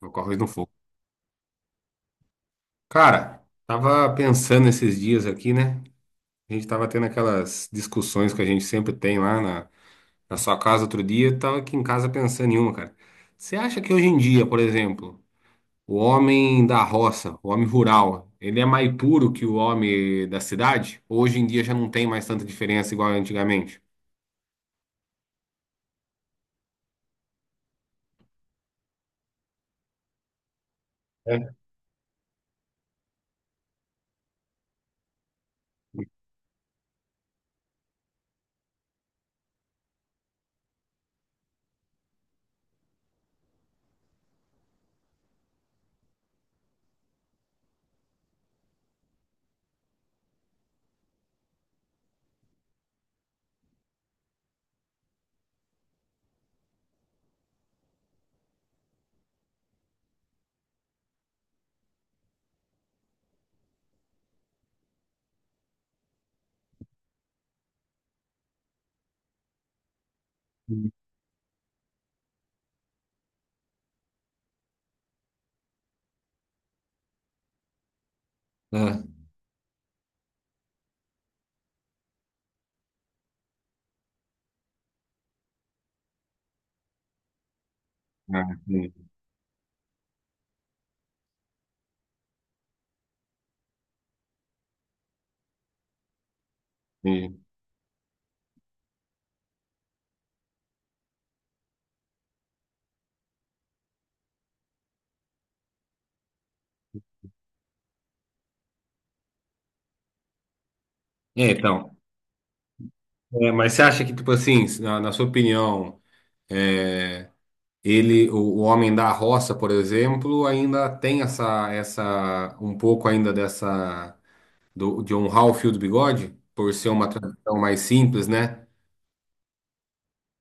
Ocorre no fogo. Cara, tava pensando esses dias aqui, né? A gente tava tendo aquelas discussões que a gente sempre tem lá na sua casa outro dia. Eu Tava aqui em casa pensando em uma, cara. Você acha que hoje em dia, por exemplo, o homem da roça, o homem rural, ele é mais puro que o homem da cidade? Ou hoje em dia já não tem mais tanta diferença igual antigamente? É. Ah, Ah, entendi, entendi. É, então. É, mas você acha que, tipo assim, na sua opinião, é, ele, o homem da roça, por exemplo, ainda tem essa, um pouco ainda dessa, de honrar o fio do bigode, por ser uma tradição mais simples, né?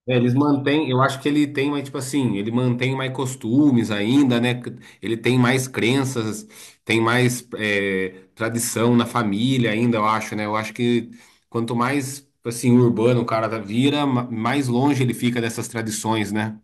É, eles mantêm, eu acho que ele tem mais, tipo assim, ele mantém mais costumes ainda, né? Ele tem mais crenças, tem mais, é, tradição na família ainda, eu acho, né? Eu acho que quanto mais, assim, urbano o cara vira, mais longe ele fica dessas tradições, né?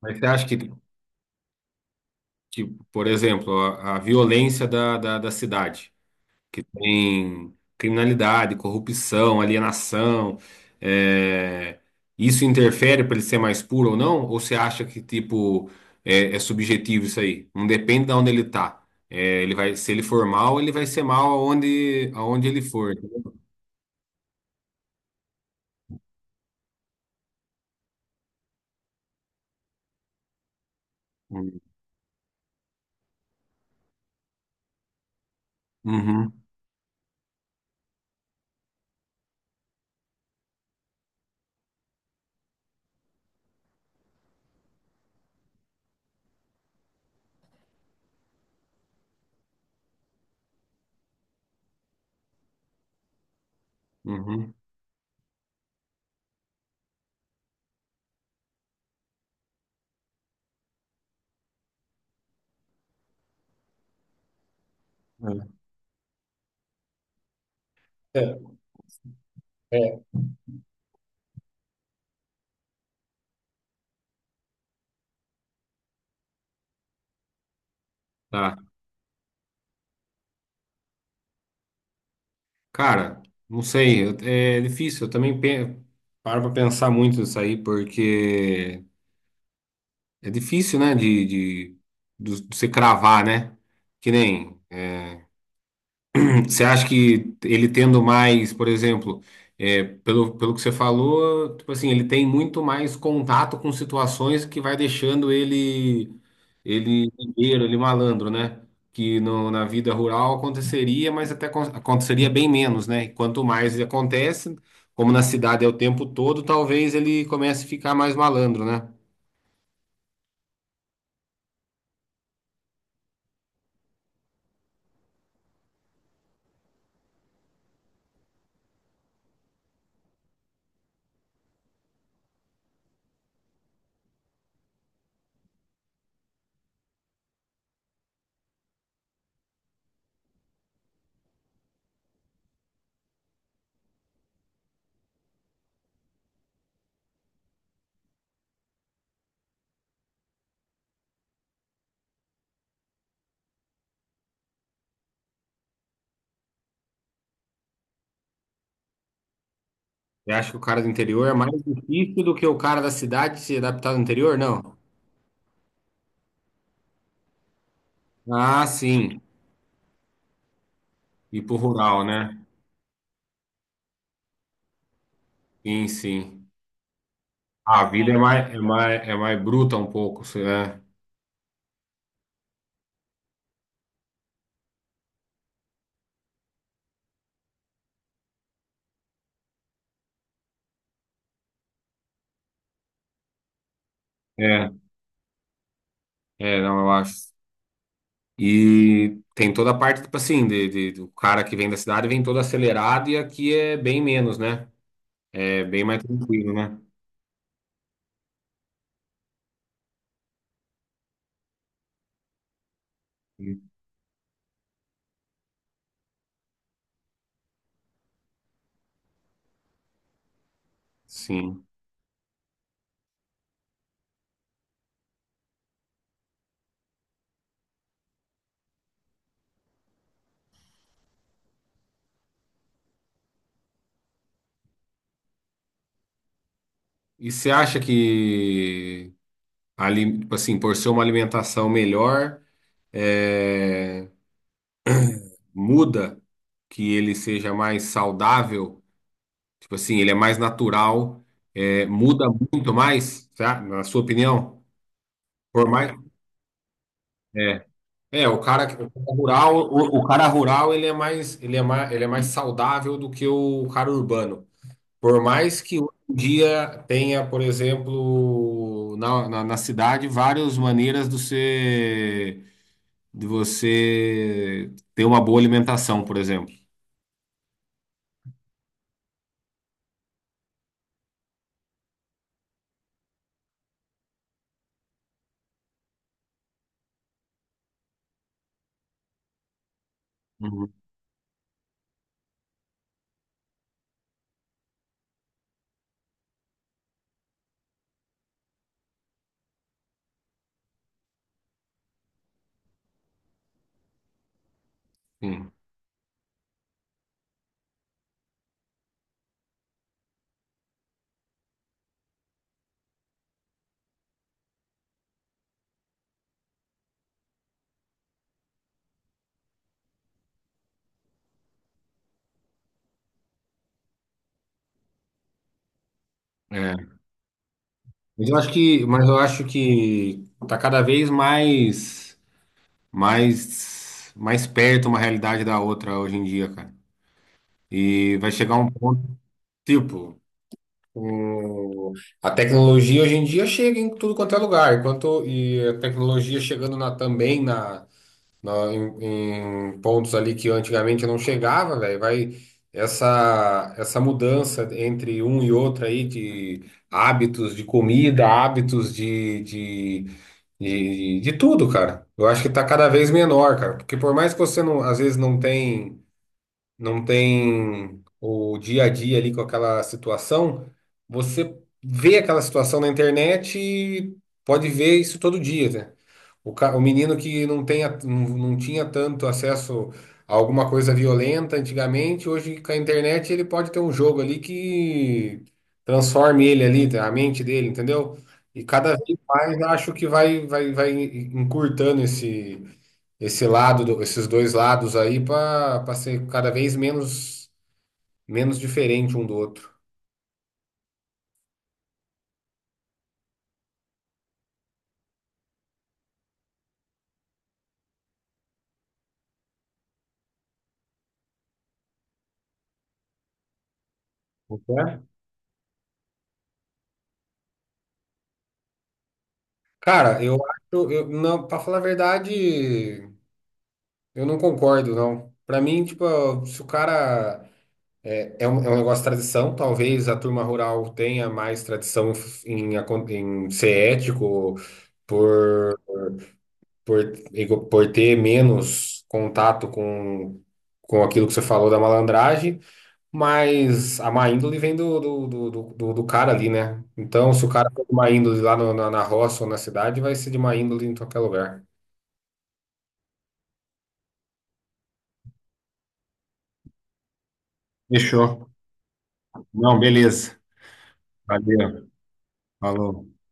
Mas você acha que tipo, por exemplo, a violência da cidade, que tem criminalidade, corrupção, alienação, é, isso interfere para ele ser mais puro ou não? Ou você acha que, tipo, é, é subjetivo isso aí? Não depende de onde ele tá. É, ele vai, se ele for mal, ele vai ser mal aonde, aonde ele for. Entendeu? Uhum, uhum. É, é. Tá. Cara, não sei, é difícil. Eu também paro pra pensar muito nisso aí, porque é difícil, né, de você cravar, né? Que nem. Você acha que ele tendo mais, por exemplo, é, pelo que você falou, tipo assim, ele tem muito mais contato com situações que vai deixando ele ligeiro, ele malandro, né? Que no, na vida rural aconteceria, mas até aconteceria bem menos, né? E quanto mais ele acontece, como na cidade é o tempo todo, talvez ele comece a ficar mais malandro, né? Você acha que o cara do interior é mais difícil do que o cara da cidade se adaptar no interior? Não. Ah, sim. Ir pro rural, né? Sim, sim. A vida é mais, é mais, é mais bruta um pouco, sei lá. É, é, não, eu acho. E tem toda a parte, tipo assim, do cara que vem da cidade vem todo acelerado e aqui é bem menos, né? É bem mais tranquilo, né? Sim. E você acha que, ali, tipo assim, por ser uma alimentação melhor, é, muda que ele seja mais saudável? Tipo assim, ele é mais natural, é, muda muito mais, tá? Na sua opinião? Por mais, é, é o cara, o cara rural, o cara rural ele é mais, ele é mais saudável do que o cara urbano. Por mais que hoje em dia tenha, por exemplo, na cidade várias maneiras de você ter uma boa alimentação, por exemplo. Uhum. Sim. É. Mas eu acho que, mas eu acho que tá cada vez mais mais perto uma realidade da outra hoje em dia, cara. E vai chegar um ponto, tipo, o- a tecnologia hoje em dia chega em tudo quanto é lugar, enquanto e a tecnologia chegando na, também na em, em pontos ali que antigamente eu não chegava, velho. Vai essa mudança entre um e outro aí de hábitos de comida, hábitos de tudo, cara. Eu acho que tá cada vez menor, cara. Porque por mais que você não, às vezes não tem não tem o dia a dia ali com aquela situação, você vê aquela situação na internet e pode ver isso todo dia, né? O, o menino que não tem, não tinha tanto acesso a alguma coisa violenta antigamente, hoje com a internet ele pode ter um jogo ali que transforme ele ali, né, a mente dele, entendeu? E cada vez mais acho que vai, vai encurtando esse esse lado, esses dois lados aí para ser cada vez menos menos diferente um do outro. Não quer? Cara, eu acho, eu, não, para falar a verdade, eu não concordo, não. Para mim, tipo, se o cara é, é um negócio de tradição, talvez a turma rural tenha mais tradição em, em ser ético, por, por, por ter menos contato com aquilo que você falou da malandragem. Mas a má índole vem do cara ali, né? Então, se o cara for de má índole lá na, na roça ou na cidade, vai ser de má índole em qualquer lugar. Fechou. Não, beleza. Valeu. Falou.